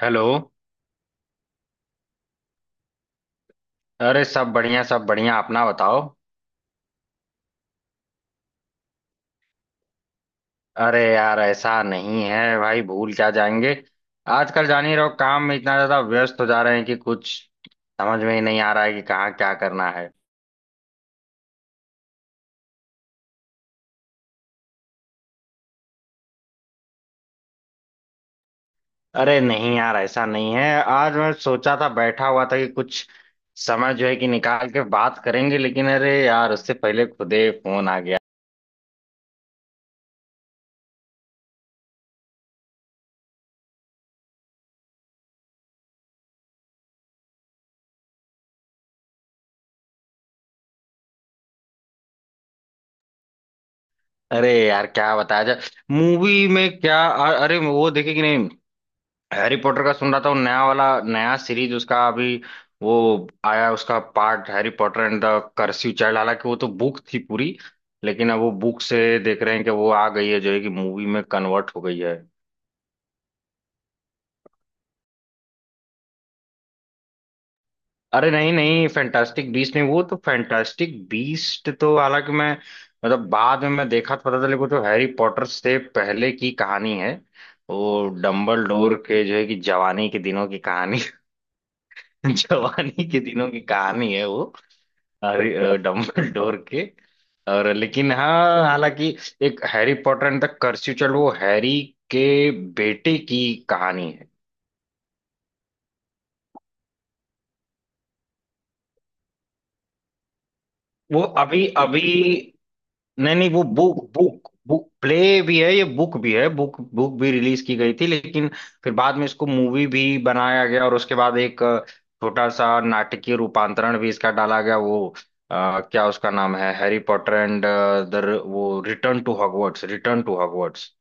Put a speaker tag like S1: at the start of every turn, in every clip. S1: Hello. अरे सब बढ़िया सब बढ़िया, अपना बताओ। अरे यार ऐसा नहीं है भाई, भूल क्या जाएंगे। आजकल जान ही रहो, काम में इतना ज्यादा व्यस्त हो जा रहे हैं कि कुछ समझ में ही नहीं आ रहा है कि कहाँ क्या करना है। अरे नहीं यार, ऐसा नहीं है। आज मैं सोचा था बैठा हुआ था कि कुछ समय जो है कि निकाल के बात करेंगे, लेकिन अरे यार उससे पहले खुदे फोन आ गया। अरे यार क्या बताया जाए। मूवी में क्या, अरे वो देखे कि नहीं? हैरी पॉटर का सुन रहा था, वो नया वाला नया सीरीज उसका अभी वो आया उसका part, Harry Potter and the cursive child. हालांकि वो तो बुक थी पूरी, लेकिन अब वो बुक से देख रहे हैं कि वो आ गई है जो है कि मूवी में कन्वर्ट हो गई है। अरे नहीं नहीं, फैंटास्टिक बीस्ट नहीं, वो तो फैंटास्टिक बीस्ट तो हालांकि मैं मतलब बाद में मैं देखा तो पता चले वो तो हैरी पॉटर से पहले की कहानी है। वो डम्बल डोर के जो है कि जवानी के दिनों की कहानी। जवानी के दिनों की कहानी है वो डम्बलडोर के। और लेकिन हाँ हालांकि एक Harry Potter and the cursive child वो हैरी के बेटे की कहानी है। वो अभी अभी नहीं नहीं, वो बुक बुक बुक प्ले भी है, ये बुक भी है, बुक बुक भी रिलीज की गई थी, लेकिन फिर बाद में इसको मूवी भी बनाया गया। और उसके बाद एक छोटा सा नाटकीय रूपांतरण भी इसका डाला गया, वो क्या उसका नाम है, हैरी पॉटर एंड द वो return to Hogwarts, return to Hogwarts.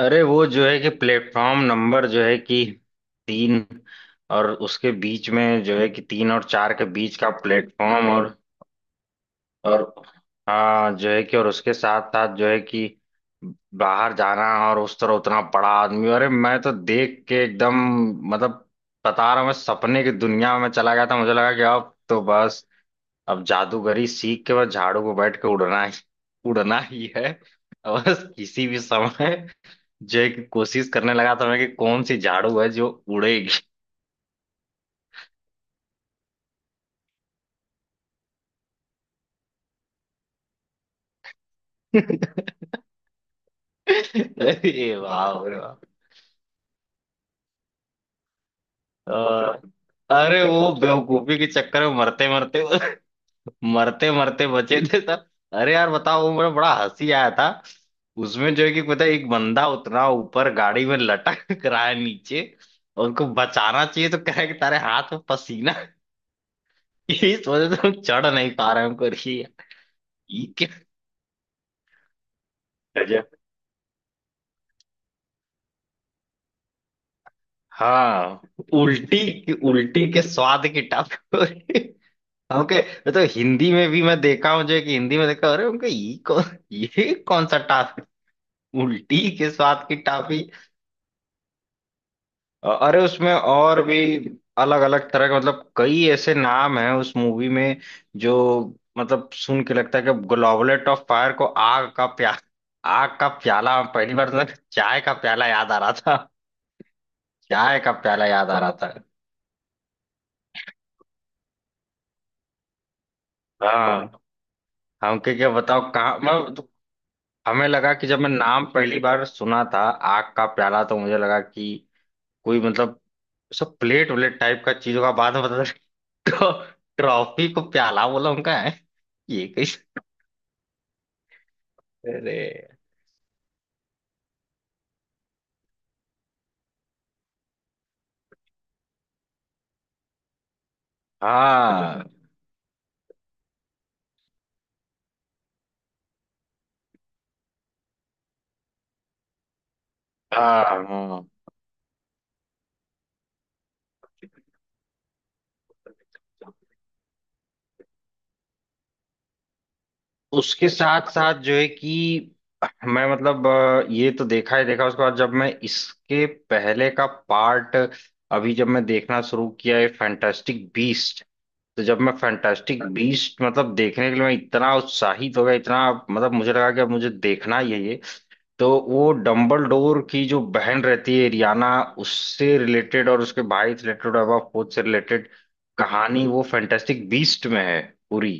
S1: अरे वो जो है कि प्लेटफॉर्म नंबर जो है कि तीन, और उसके बीच में जो है कि तीन और चार के बीच का प्लेटफॉर्म। और हाँ जो है कि, और उसके साथ साथ जो है कि बाहर जाना, और उस तरह उतना बड़ा आदमी। अरे मैं तो देख के एकदम मतलब बता रहा हूँ, मैं सपने की दुनिया में चला गया था। मुझे लगा कि अब तो बस अब जादूगरी सीख के बस झाड़ू को बैठ के उड़ना ही है। और बस किसी भी समय जो है कि कोशिश करने लगा था मैं कि कौन सी झाड़ू है जो उड़ेगी। अरे वाह। अ, अरे वो बेवकूफी के चक्कर में मरते मरते बचे थे सब। अरे यार बताओ, वो मेरा बड़ा हंसी आया था उसमें जो है कि, पता है, एक बंदा उतना ऊपर गाड़ी में लटक रहा है नीचे, और उनको बचाना चाहिए तो कह रहा है कि तारे हाथ में पसीना है, इस वजह से हम चढ़ नहीं पा रहे हैं हमको। अरे यार, ये क्या गजब। हाँ, उल्टी की उल्टी के स्वाद की टप। हाँ, ओके। मैं तो हिंदी में भी मैं देखा हूँ, जो कि हिंदी में देखा, अरे उनका ये कौन, ये कौन सा टाफी, उल्टी के साथ की टाफी। अरे उसमें और भी अलग अलग तरह के मतलब कई ऐसे नाम हैं उस मूवी में। जो मतलब सुन के लगता है कि ग्लोबलेट ऑफ फायर को आग का प्याला, पहली बार तक चाय का प्याला याद आ रहा था, चाय का प्याला याद आ रहा था। हाँ। हम के क्या बताओ कहाँ मैं, हमें लगा कि जब मैं नाम पहली बार सुना था आग का प्याला, तो मुझे लगा कि कोई मतलब सब प्लेट व्लेट टाइप का चीजों का, बाद में पता चला ट्रॉफी को प्याला बोला उनका है। ये कैसे। अरे हाँ हाँ हाँ। उसके साथ साथ जो है कि मैं मतलब ये तो देखा ही देखा, उसके बाद जब मैं इसके पहले का पार्ट अभी जब मैं देखना शुरू किया है फैंटास्टिक बीस्ट, तो जब मैं फैंटास्टिक बीस्ट मतलब देखने के लिए मैं इतना उत्साहित हो गया, इतना मतलब मुझे लगा कि अब मुझे देखना ही है ये। तो वो डंबलडोर की जो बहन रहती है रियाना, उससे रिलेटेड और उसके भाई से रिलेटेड और एबा फोर्थ से रिलेटेड कहानी वो फैंटास्टिक बीस्ट में है पूरी।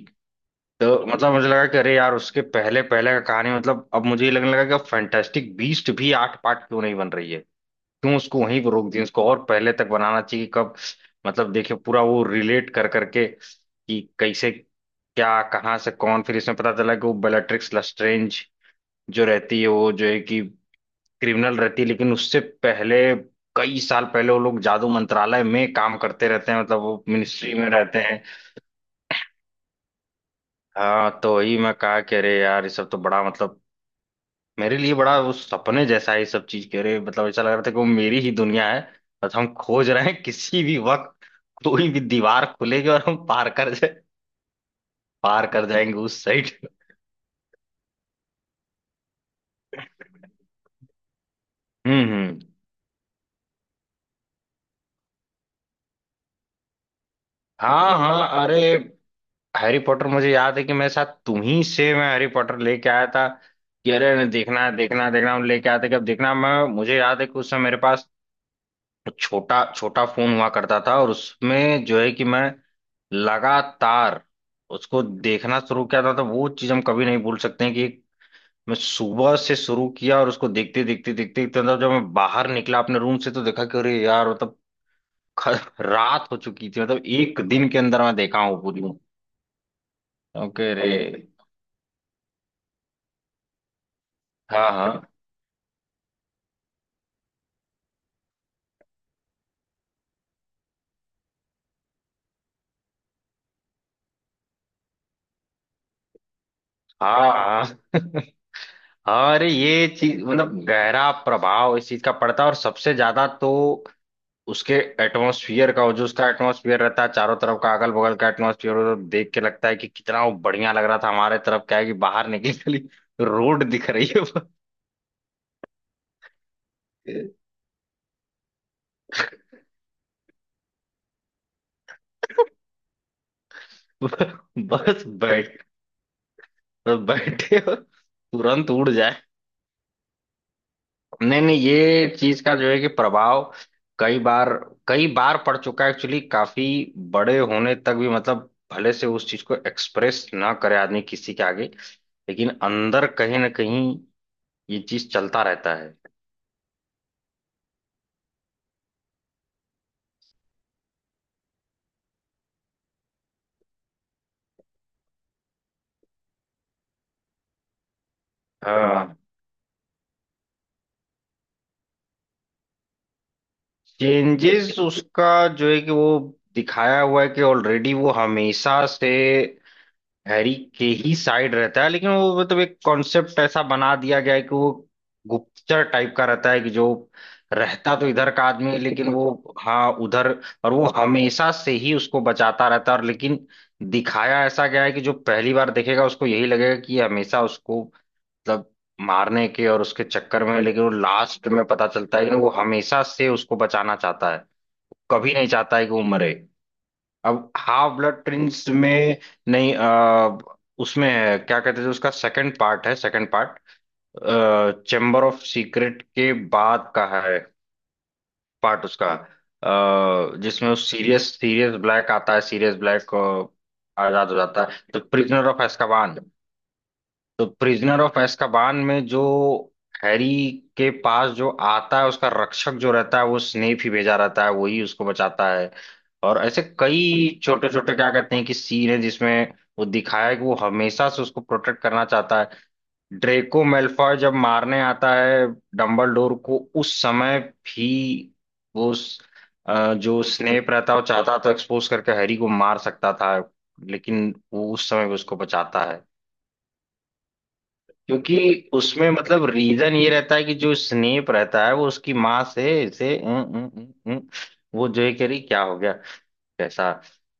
S1: तो मतलब मुझे लगा कि अरे यार उसके पहले पहले का कहानी, मतलब अब मुझे ये लगने लगा कि अब फैंटास्टिक बीस्ट भी आठ पार्ट क्यों नहीं बन रही है। क्यों उसको वहीं पर रोक दिया, उसको और पहले तक बनाना चाहिए कि कब मतलब देखिए पूरा वो रिलेट कर करके कि कैसे क्या कहाँ से कौन। फिर इसमें पता चला कि वो बेलाट्रिक्स लस्ट्रेंज जो रहती है वो जो है कि क्रिमिनल रहती है, लेकिन उससे पहले कई साल पहले वो लोग जादू मंत्रालय में काम करते रहते हैं, मतलब वो मिनिस्ट्री में रहते हैं। हाँ तो वही मैं कहा कि अरे यार ये सब तो बड़ा मतलब मेरे लिए बड़ा वो सपने जैसा है। ये सब चीज के अरे मतलब ऐसा लग रहा था कि वो मेरी ही दुनिया है। बस हम खोज रहे हैं किसी भी वक्त कोई भी दीवार खुलेगी और हम पार कर जाएंगे उस साइड। हम्म। हाँ हाँ। अरे हैरी पॉटर मुझे याद है कि मेरे साथ तुम ही से मैं हैरी पॉटर लेके आया था, कि अरे देखना है देखना है देखना है, हम लेके आते कि अब देखना। मैं मुझे याद है कि उस समय मेरे पास छोटा छोटा फोन हुआ करता था, और उसमें जो है कि मैं लगातार उसको देखना शुरू किया था। तो वो चीज हम कभी नहीं भूल सकते हैं कि मैं सुबह से शुरू किया और उसको देखते देखते देखते देखते मतलब जब मैं बाहर निकला अपने रूम से तो देखा कि अरे यार मतलब रात हो चुकी थी, मतलब एक दिन के अंदर मैं देखा हूँ पूरी। ओके रे। हाँ हाँ हाँ हाँ। हाँ, अरे ये चीज मतलब गहरा प्रभाव इस चीज का पड़ता है, और सबसे ज्यादा तो उसके एटमॉस्फियर का, वो जो उसका एटमॉस्फियर रहता है चारों तरफ का अगल बगल का एटमॉस्फियर, वो देख के लगता है कि कितना वो बढ़िया लग रहा था। हमारे तरफ क्या है कि बाहर निकली खाली रोड दिख रही है। बस बैठ बस बैठे और तुरंत उड़ जाए। नहीं नहीं, ये चीज का जो है कि प्रभाव कई बार कई बार पड़ चुका है एक्चुअली, काफी बड़े होने तक भी। मतलब भले से उस चीज को एक्सप्रेस ना करे आदमी किसी के आगे, लेकिन अंदर कहीं ना कहीं ये चीज चलता रहता है। हाँ चेंजेस उसका जो है कि वो दिखाया हुआ है कि ऑलरेडी वो हमेशा से हैरी के ही साइड रहता है। लेकिन वो मतलब एक कॉन्सेप्ट ऐसा बना दिया गया है कि वो गुप्तचर टाइप का रहता है, कि जो रहता तो इधर का आदमी है लेकिन वो हाँ उधर। और वो हमेशा से ही उसको बचाता रहता है, और लेकिन दिखाया ऐसा गया है कि जो पहली बार देखेगा उसको यही लगेगा कि ये हमेशा उसको मतलब मारने के और उसके चक्कर में, लेकिन वो लास्ट में पता चलता है कि वो हमेशा से उसको बचाना चाहता है, कभी नहीं चाहता है कि वो मरे। अब हाफ ब्लड प्रिंस में नहीं उसमें है, क्या कहते थे उसका सेकंड पार्ट है, second part chamber of secret के बाद का है पार्ट उसका। जिसमें वो सीरियस सीरियस ब्लैक आता है, सीरियस ब्लैक आजाद हो जाता है, तो प्रिजनर ऑफ एस्काबान। तो प्रिजनर ऑफ एस्काबान में जो हैरी के पास जो आता है, उसका रक्षक जो रहता है वो स्नेप ही भेजा रहता है, वही उसको बचाता है। और ऐसे कई छोटे छोटे क्या कहते हैं कि सीन है जिसमें वो दिखाया है कि वो हमेशा से उसको प्रोटेक्ट करना चाहता है। ड्रेको मेल्फॉय जब मारने आता है डंबलडोर को उस समय भी, वो जो स्नेप रहता है वो चाहता तो एक्सपोज करके हैरी को मार सकता था, लेकिन वो उस समय भी उसको बचाता है। क्योंकि उसमें मतलब रीजन ये रहता है कि जो स्नेप रहता है वो उसकी माँ से इसे उं, उं, उं, उं, वो जो है कि अरे क्या हो गया कैसा,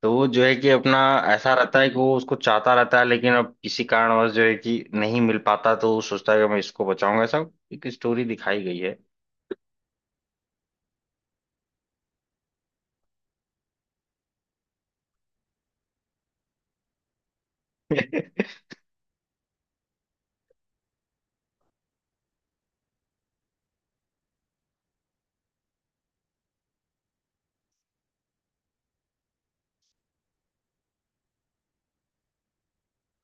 S1: तो वो जो है कि अपना ऐसा रहता है कि वो उसको चाहता रहता है, लेकिन अब किसी कारणवश जो है कि नहीं मिल पाता, तो वो सोचता है कि मैं इसको बचाऊंगा, ऐसा एक स्टोरी दिखाई गई है।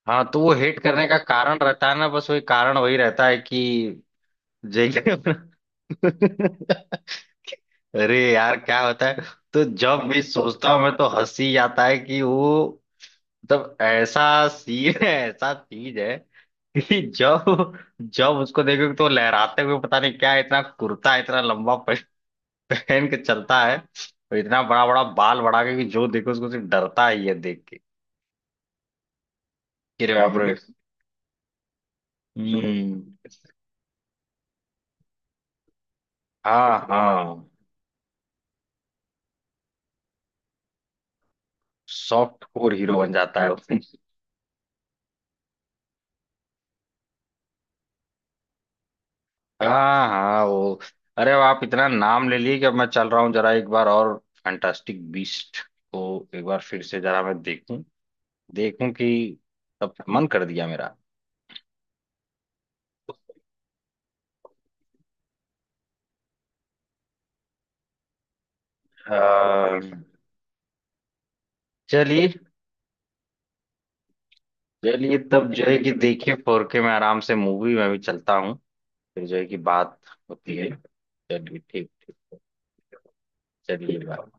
S1: हाँ तो वो हेट करने का कारण रहता है ना, बस वही कारण वही रहता है कि जो है कि अपना। अरे यार क्या होता है, तो जब भी सोचता हूँ मैं तो हंसी आता है कि वो मतलब ऐसा सीन है, ऐसा चीज है कि जब जब उसको देखो तो लहराते हुए पता नहीं क्या इतना कुर्ता इतना लंबा पहन के चलता है, और इतना बड़ा बड़ा बाल बढ़ा के कि जो देखो उसको सिर्फ डरता ही है देख के कि रे बाप रे। हम्म। हाँ हाँ। सॉफ्ट कोर हीरो बन जाता है वो। हाँ हाँ वो, अरे अब आप इतना नाम ले लिए कि अब मैं चल रहा हूँ जरा एक बार और फैंटास्टिक बीस्ट को एक बार फिर से जरा मैं देखूं देखूं, कि तब मन कर दिया मेरा। हाँ, चलिए। चलिए तब जो है कि देखिए 4K में आराम से मूवी में भी चलता हूँ, फिर जो है कि बात होती है। चलिए ठीक ठीक। चलिए बाय।